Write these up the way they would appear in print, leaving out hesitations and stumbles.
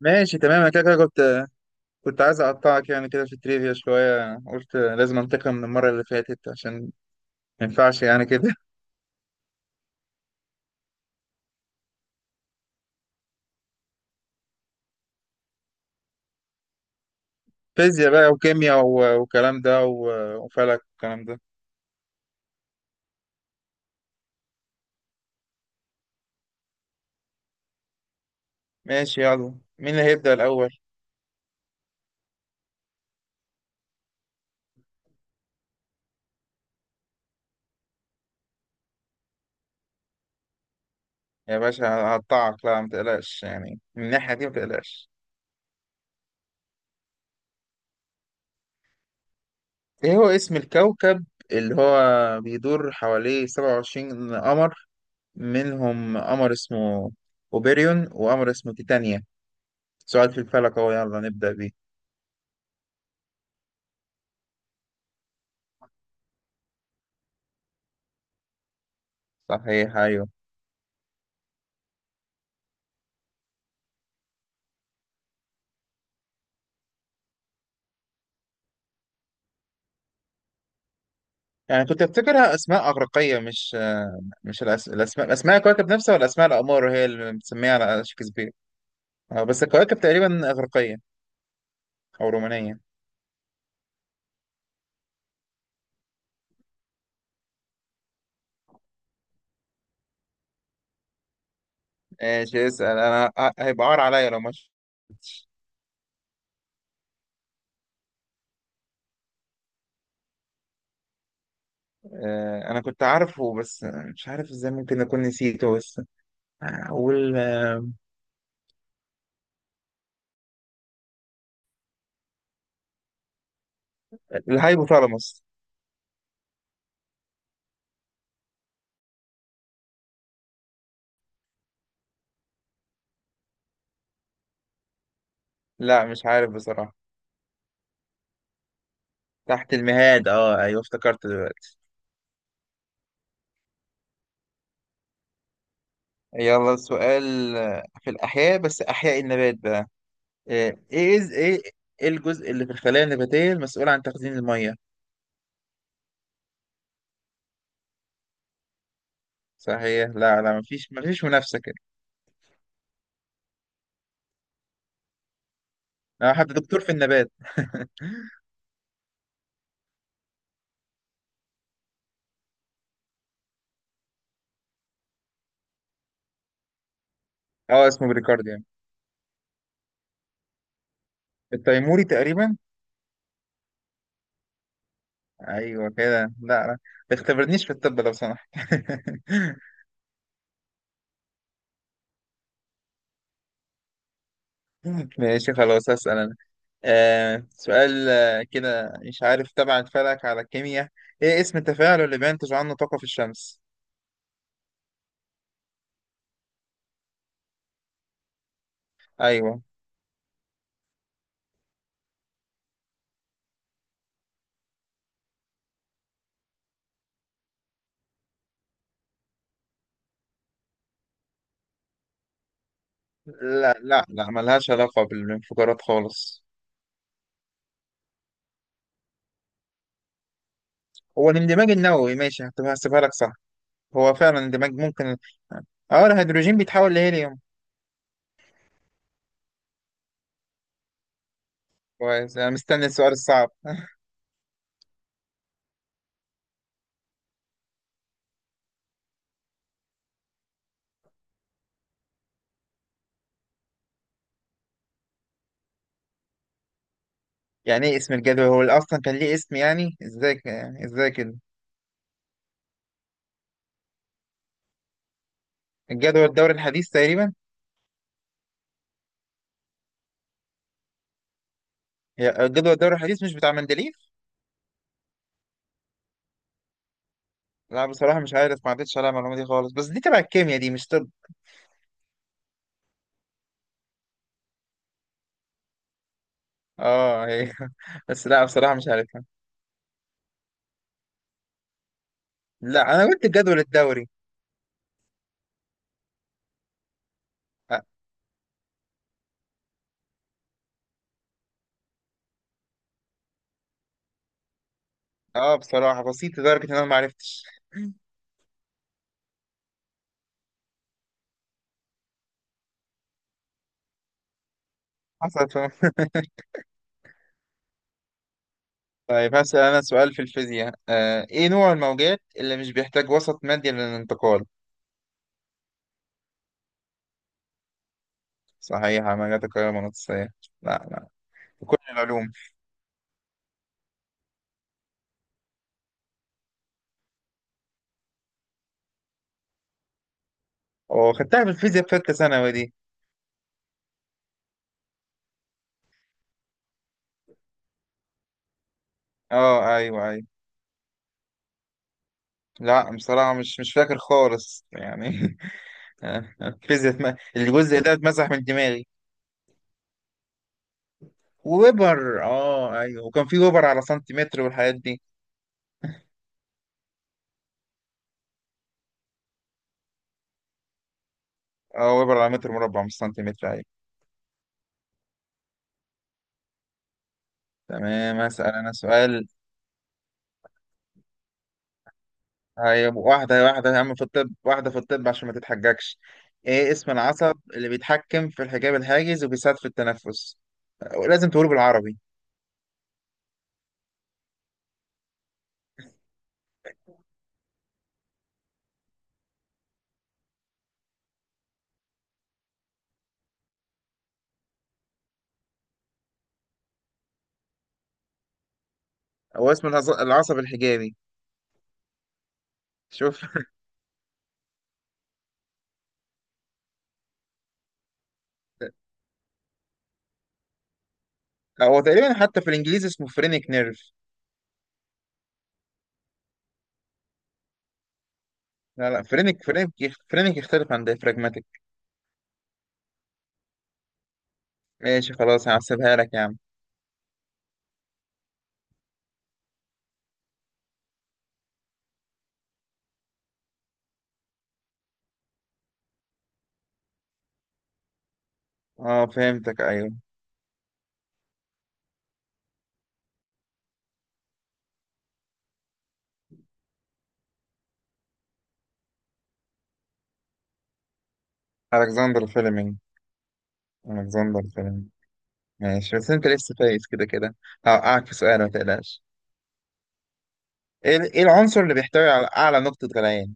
ماشي، تمام. انا كده كده كنت عايز اقطعك يعني كده في التريفيا شويه. قلت لازم انتقم من المره اللي فاتت، عشان ما ينفعش يعني كده. فيزياء بقى وكيمياء والكلام ده وفلك والكلام ده. ماشي، يلا مين اللي هيبدأ الاول؟ يا باشا هقطعك، لا ما تقلقش يعني من الناحيه دي، ما تقلقش. ايه هو اسم الكوكب اللي هو بيدور حواليه 27 قمر، منهم قمر اسمه اوبيريون وقمر اسمه تيتانيا؟ سؤال في الفلك اهو، يلا نبدأ بيه. صحيح، ايوه. يعني كنت افتكرها اسماء اغريقيه، مش مش الاسماء. اسماء الكواكب نفسها ولا اسماء الاقمار هي اللي مسميها على شكسبير؟ بس الكواكب تقريبا اغريقيه او رومانيه. ايش اسال انا؟ هيبقى عار عليا لو مش. انا كنت عارفه بس مش عارف ازاي ممكن اكون نسيته. بس اقول الهايبوثالاموس. لا مش عارف بصراحه. تحت المهاد، اه ايوه افتكرت دلوقتي. يلا سؤال في الاحياء، بس احياء النبات بقى. ايه ايه، إيه الجزء اللي في الخلايا النباتية المسؤول عن تخزين المية؟ صحيح. لا لا، مفيش مفيش منافسة كده. انا حتى دكتور في النبات. اه اسمه بريكارد يعني. التيموري تقريبا. ايوه كده. لا لا، ما تختبرنيش في الطب لو سمحت. ماشي خلاص هسأل انا. آه سؤال، كده مش عارف تبع الفلك على الكيمياء. ايه اسم التفاعل اللي بينتج عنه طاقة في الشمس؟ ايوه. لا لا لا، ملهاش علاقة بالانفجارات خالص. هو الاندماج النووي، ماشي هتبقى هسيبها لك صح. هو فعلا اندماج ممكن. اه، الهيدروجين بيتحول لهيليوم. كويس، انا مستني السؤال الصعب. يعني ايه اسم الجدول؟ هو اللي اصلا كان ليه اسم؟ يعني ازاي يعني ازاي كده؟ الجدول الدوري الحديث تقريبا. الجدول الدوري الحديث مش بتاع مندليف؟ لا بصراحة مش عارف، ما عدتش عليها المعلومة دي خالص، بس دي تبع الكيمياء دي مش طب. اه هي. بس لا بصراحة مش عارفها. لا انا قلت الجدول الدوري. اه. بصراحة بسيط لدرجة ان انا ما عرفتش. حصلت. طيب هسأل أنا سؤال في الفيزياء، إيه نوع الموجات اللي مش بيحتاج وسط مادي للانتقال؟ صحيحة، موجات القاهرة المغناطيسية. لا لا، في كل العلوم. أو خدتها في الفيزياء في ثالثة ثانوي دي. أه أيوه أيوه. لا بصراحة مش فاكر خالص يعني. الفيزياء الجزء ده اتمسح من دماغي. وويبر، أه أيوه، وكان في ويبر على سنتيمتر والحاجات دي. أه، ويبر على متر مربع مش سنتيمتر، أيوه. تمام هسأل أنا سؤال. هي واحدة واحدة يا عم، في الطب واحدة في الطب عشان ما تتحججش. ايه اسم العصب اللي بيتحكم في الحجاب الحاجز وبيساعد في التنفس؟ لازم تقوله بالعربي. هو اسم العصب الحجابي. شوف، هو تقريبا حتى في الانجليزي اسمه فرينك نيرف. لا لا، فرينك فرينك. فرينك يختلف عن ديفراجماتيك. ماشي خلاص، هحسبها لك يا عم. اه فهمتك، ايوه. الكسندر فيلمينج. الكسندر فيلمينج. ماشي، بس انت لسه فايز كده كده. هوقعك في سؤال ما تقلقش. إيه العنصر اللي بيحتوي على اعلى نقطة غليان؟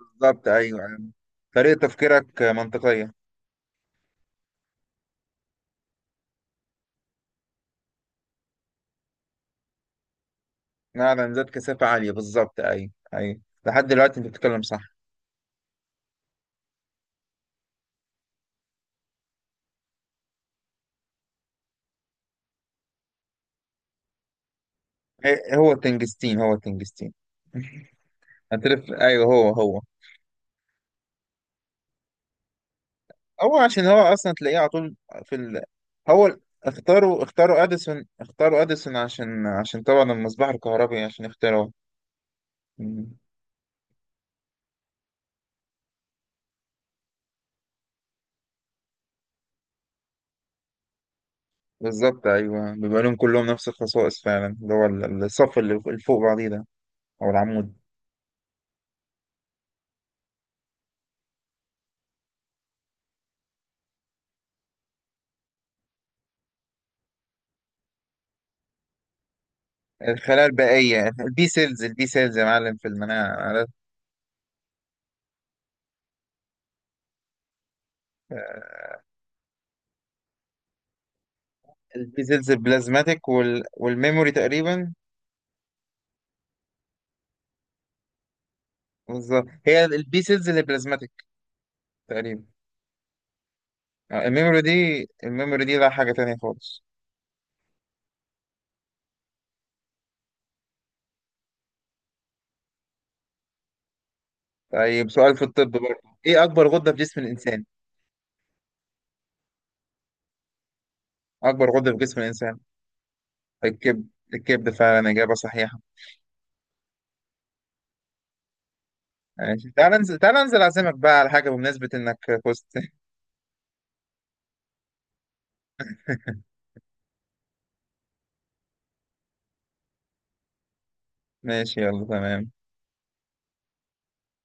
بالظبط، ايوه أيوة. طريقه تفكيرك منطقيه. نعم، ذات كثافه عاليه، بالظبط ايوه ايوه. لحد دلوقتي انت بتتكلم صح. إيه، هو التنجستين، هو التنجستين. هتلف، ايوه، هو هو. هو عشان هو اصلا تلاقيه على طول في ال... هو اختاروا اديسون، اختاروا اديسون عشان طبعا المصباح الكهربي عشان اختاروا. مم. بالظبط ايوه، بيبقى لهم كلهم نفس الخصائص فعلا، اللي هو الصف اللي فوق بعضيه ده او العمود. الخلايا البائية، البي سيلز، البي سيلز يا معلم في المناعة عارف. البي سيلز البلازماتيك والميموري تقريبا. بالظبط، هي البي سيلز اللي بلازماتيك تقريبا. الميموري دي، الميموري دي لا، حاجة تانية خالص. طيب سؤال في الطب برضه، ايه أكبر غدة في جسم الإنسان؟ أكبر غدة في جسم الإنسان. الكبد. الكبد فعلا، إجابة صحيحة. ماشي، تعال انزل، تعال انزل أعزمك بقى على حاجة بمناسبة إنك فزت. ماشي يلا تمام.